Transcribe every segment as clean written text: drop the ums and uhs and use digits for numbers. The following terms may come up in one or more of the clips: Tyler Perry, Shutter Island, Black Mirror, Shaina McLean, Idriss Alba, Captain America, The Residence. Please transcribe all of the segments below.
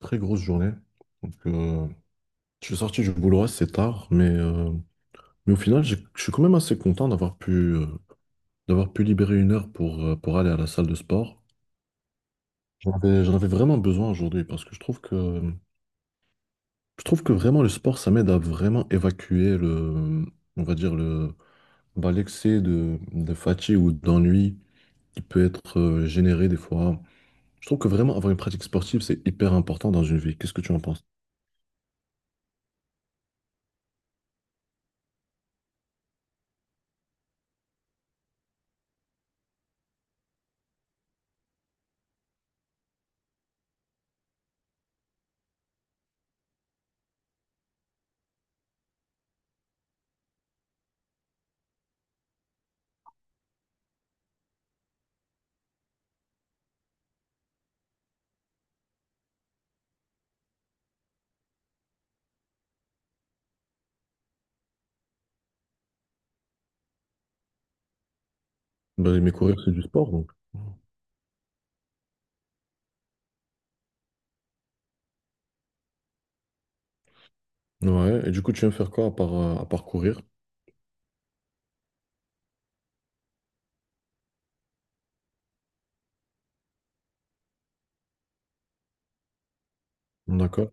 Très grosse journée. Donc, je suis sorti du boulot assez tard, mais au final, je suis quand même assez content d'avoir d'avoir pu libérer 1 heure pour aller à la salle de sport. J'en avais vraiment besoin aujourd'hui parce que je trouve que vraiment le sport, ça m'aide à vraiment évacuer le, on va dire le, bah, l'excès de fatigue ou d'ennui qui peut être généré des fois. Je trouve que vraiment avoir une pratique sportive, c'est hyper important dans une vie. Qu'est-ce que tu en penses? Bah, mes coureurs, c'est du sport, donc. Ouais, et du coup, tu aimes faire quoi à à part courir? D'accord.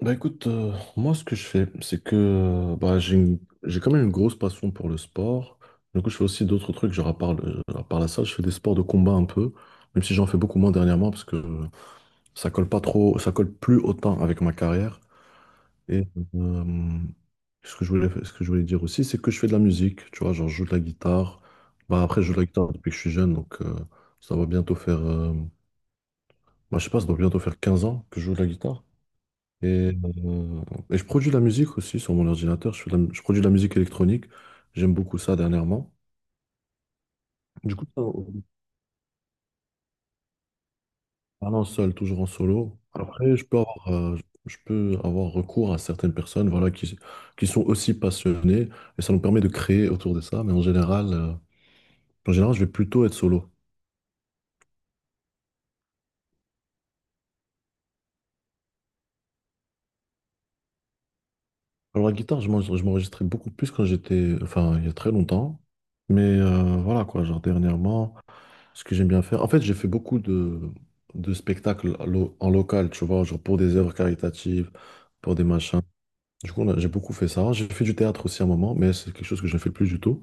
Bah écoute, moi ce que je fais, c'est j'ai quand même une grosse passion pour le sport. Du coup, je fais aussi d'autres trucs, genre à à part la salle, je fais des sports de combat un peu, même si j'en fais beaucoup moins dernièrement parce que ça colle pas trop, ça colle plus autant avec ma carrière. Et euh, ce que je voulais dire aussi, c'est que je fais de la musique, tu vois, genre je joue de la guitare. Bah après, je joue de la guitare depuis que je suis jeune, donc ça va bientôt faire Moi, je sais pas, ça doit bientôt faire 15 ans que je joue de la guitare. Et, euh, et je produis de la musique aussi sur mon ordinateur. Je fais je produis de la musique électronique. J'aime beaucoup ça dernièrement. Du coup, parlant seul, toujours en solo. Après, je peux avoir recours à certaines personnes, voilà, qui sont aussi passionnées. Et ça nous permet de créer autour de ça. Mais en général, en général, je vais plutôt être solo. Alors, la guitare, je m'enregistrais beaucoup plus quand j'étais, enfin, il y a très longtemps. Mais voilà, quoi, genre dernièrement. Ce que j'aime bien faire. En fait, j'ai fait beaucoup de spectacles à en local, tu vois, genre pour des œuvres caritatives, pour des machins. Du coup, j'ai beaucoup fait ça. J'ai fait du théâtre aussi à un moment, mais c'est quelque chose que je ne fais plus du tout.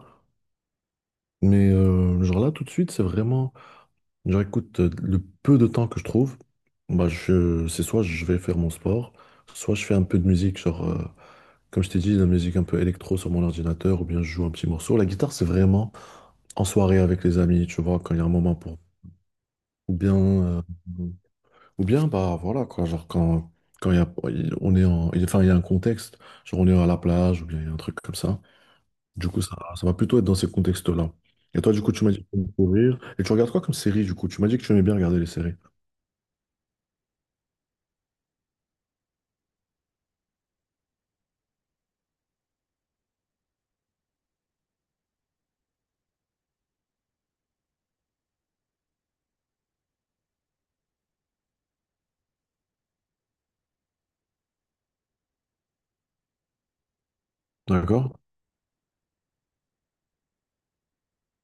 Mais genre là, tout de suite, c'est vraiment, genre écoute, le peu de temps que je trouve, c'est soit je vais faire mon sport, soit je fais un peu de musique, comme je t'ai dit, de la musique un peu électro sur mon ordinateur, ou bien je joue un petit morceau. La guitare, c'est vraiment en soirée avec les amis, tu vois, quand il y a un moment pour... Ou bien... euh, Ou bien, bah voilà, quoi, genre quand, quand il y a, on est en, enfin, il y a un contexte, genre on est à la plage ou bien il y a un truc comme ça. Du coup, ça va plutôt être dans ces contextes-là. Et toi, du coup, tu m'as dit que t'aimes courir. Et tu regardes quoi comme série, du coup? Tu m'as dit que tu aimais bien regarder les séries. D'accord?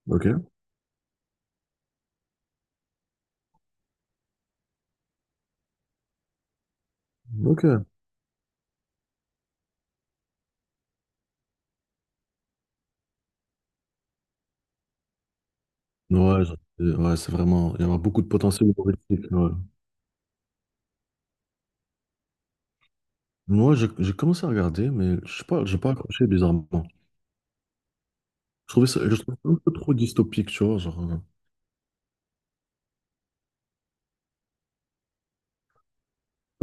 Ok. Ok. Ouais, ouais, c'est vraiment, il y a beaucoup de potentiel humoristique. Ouais. Moi, j'ai commencé à regarder, mais je sais pas, j'ai pas accroché bizarrement. Je trouvais ça un peu trop dystopique, tu vois, genre. euh,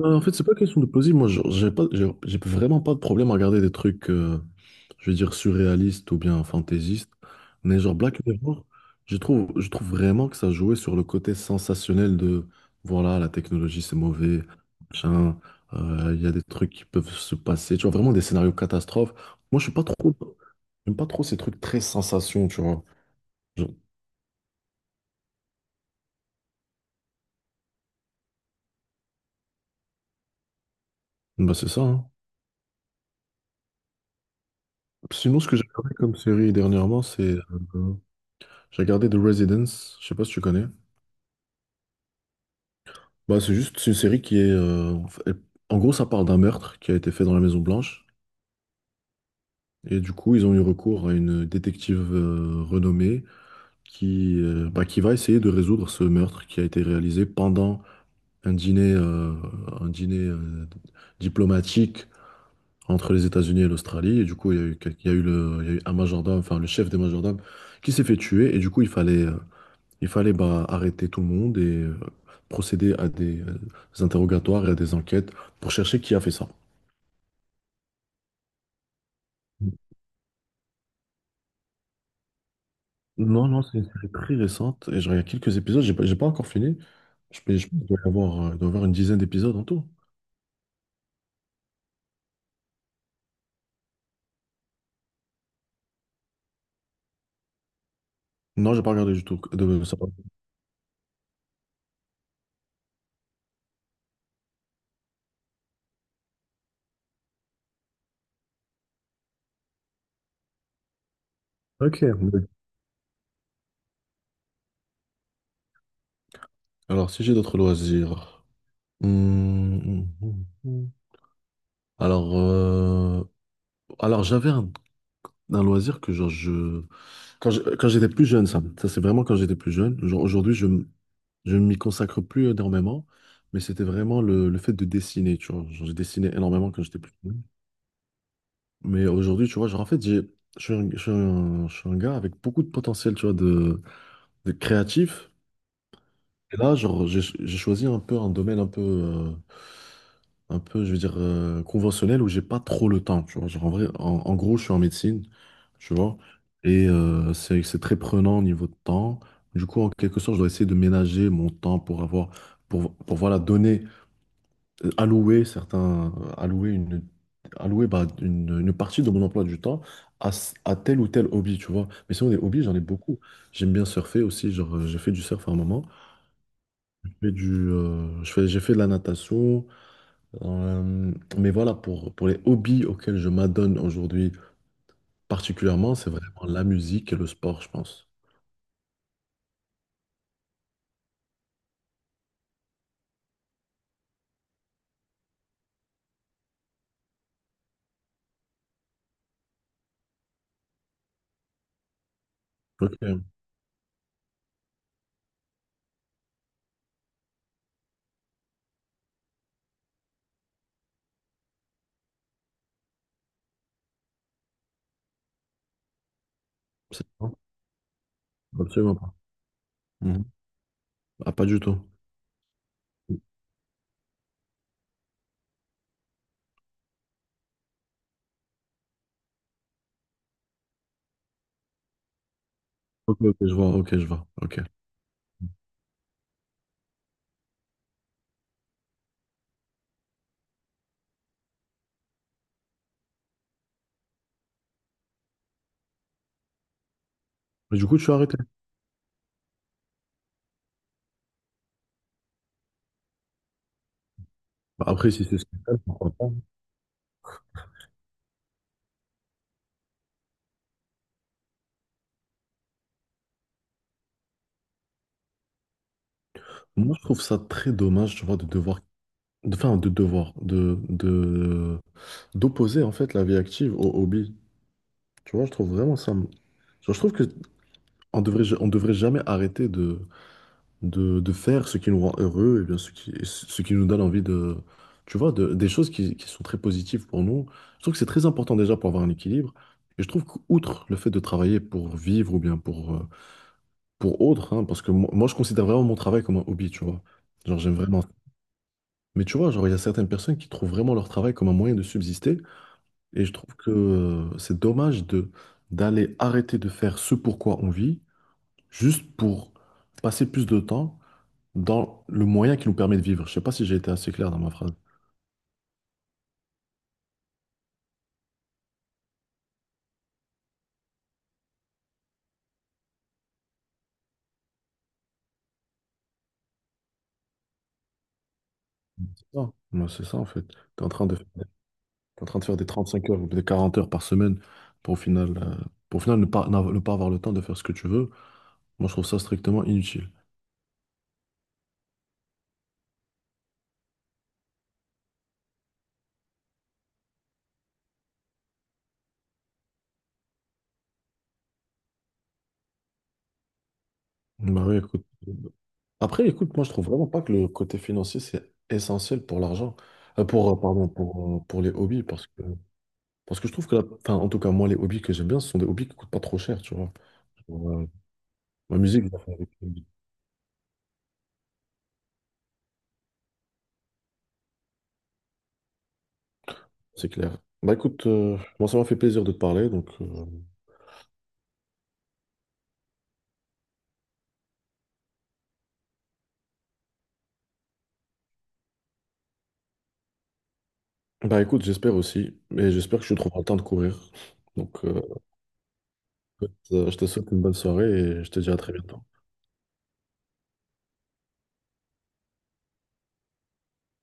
Euh, En fait, c'est pas question de plausible. Moi, genre, j'ai vraiment pas de problème à regarder des trucs, je veux dire, surréalistes ou bien fantaisistes. Mais genre Black Mirror, je trouve vraiment que ça jouait sur le côté sensationnel de, voilà, la technologie, c'est mauvais, machin, il y a des trucs qui peuvent se passer. Tu vois, vraiment des scénarios catastrophes. Moi, je suis pas trop, j'aime pas trop ces trucs très sensations, tu vois. Je- bah, c'est ça, hein. Sinon, ce que j'ai regardé comme série dernièrement, euh, j'ai regardé The Residence. Je sais pas si tu connais. Bah, c'est juste, c'est une série qui est. Elle- en gros, ça parle d'un meurtre qui a été fait dans la Maison Blanche. Et du coup, ils ont eu recours à une détective renommée qui va essayer de résoudre ce meurtre qui a été réalisé pendant un dîner diplomatique entre les États-Unis et l'Australie. Et du coup, il y a il y a il y a eu un majordome, enfin le chef des majordomes, qui s'est fait tuer. Et du coup, il fallait. Il fallait bah, arrêter tout le monde et procéder à des interrogatoires et à des enquêtes pour chercher qui a fait ça. Non, non, c'est une série très récente et je regarde quelques épisodes, j'ai pas encore fini. Je, peux- je dois y avoir, il doit y avoir une dizaine d'épisodes en tout. Non, j'ai pas regardé du tout. De- ça va. Ok. Oui. Alors, si j'ai d'autres loisirs. Hmm, hmm, hmm, hmm. Alors, euh, alors, j'avais un loisir que quand quand j'étais plus jeune, ça c'est vraiment quand j'étais plus jeune. Genre, aujourd'hui, je ne m'y consacre plus énormément, mais c'était vraiment le fait de dessiner, tu vois. Genre, je dessinais énormément quand j'étais plus jeune. Mais aujourd'hui, tu vois, genre, en fait, j'ai, je suis un, je suis un- je suis un gars avec beaucoup de potentiel, tu vois, de créatif, et là, genre, j'ai choisi un peu un domaine un peu, un peu, je veux dire, conventionnel où j'ai pas trop le temps, tu vois. Genre, en vrai, en, en gros, je suis en médecine, tu vois, et c'est très prenant au niveau de temps. Du coup, en quelque sorte, je dois essayer de ménager mon temps pour pour voilà, allouer allouer allouer bah, une partie de mon emploi du temps à, à tel ou tel hobby, tu vois. Mais sinon, des hobbies, j'en ai beaucoup. J'aime bien surfer aussi, j'ai fait du surf à un moment. J'ai du, je fais, j'ai fait de la natation. Euh, mais voilà, pour les hobbies auxquels je m'adonne aujourd'hui particulièrement, c'est vraiment la musique et le sport, je pense. Ok, c'est bon. Absolument pas. Mhm. Ah, pas du tout. Ok, ok, je vois, ok, je vois, ok. Mais du coup, tu as arrêté. Bah, après, si c'est ce que t'aimes, pourquoi pas. Moi, je trouve ça très dommage, tu vois, de devoir, de, enfin, de devoir, de d'opposer, en fait, la vie active au hobby. Tu vois, je trouve vraiment ça. Je trouve que on devrait, on devrait jamais arrêter de faire ce qui nous rend heureux et bien ce ce qui nous donne envie de, tu vois, des choses qui sont très positives pour nous. Je trouve que c'est très important déjà pour avoir un équilibre. Et je trouve qu'outre le fait de travailler pour vivre ou bien pour autre, hein, parce que moi, je considère vraiment mon travail comme un hobby, tu vois. Genre j'aime vraiment. Mais tu vois, genre il y a certaines personnes qui trouvent vraiment leur travail comme un moyen de subsister. Et je trouve que c'est dommage de d'aller arrêter de faire ce pourquoi on vit juste pour passer plus de temps dans le moyen qui nous permet de vivre. Je sais pas si j'ai été assez clair dans ma phrase. C'est ça, moi, c'est ça en fait. Tu es en train de, t'es en train de faire des 35 heures ou des 40 heures par semaine pour au final, euh, pour au final ne pas, n'av- ne pas avoir le temps de faire ce que tu veux. Moi, je trouve ça strictement inutile. Bah oui, écoute. Après, écoute, moi, je trouve vraiment pas que le côté financier, c'est essentiel pour l'argent. Pour les hobbies, parce que je trouve que, enfin, en tout cas, moi, les hobbies que j'aime bien, ce sont des hobbies qui coûtent pas trop cher, tu vois. La musique, je la fais avec lui, c'est clair. Bah écoute, moi ça m'a fait plaisir de te parler, donc bah écoute, j'espère aussi, et j'espère que je trouverai le temps de courir. Donc écoute, je te souhaite une bonne soirée et je te dis à très bientôt.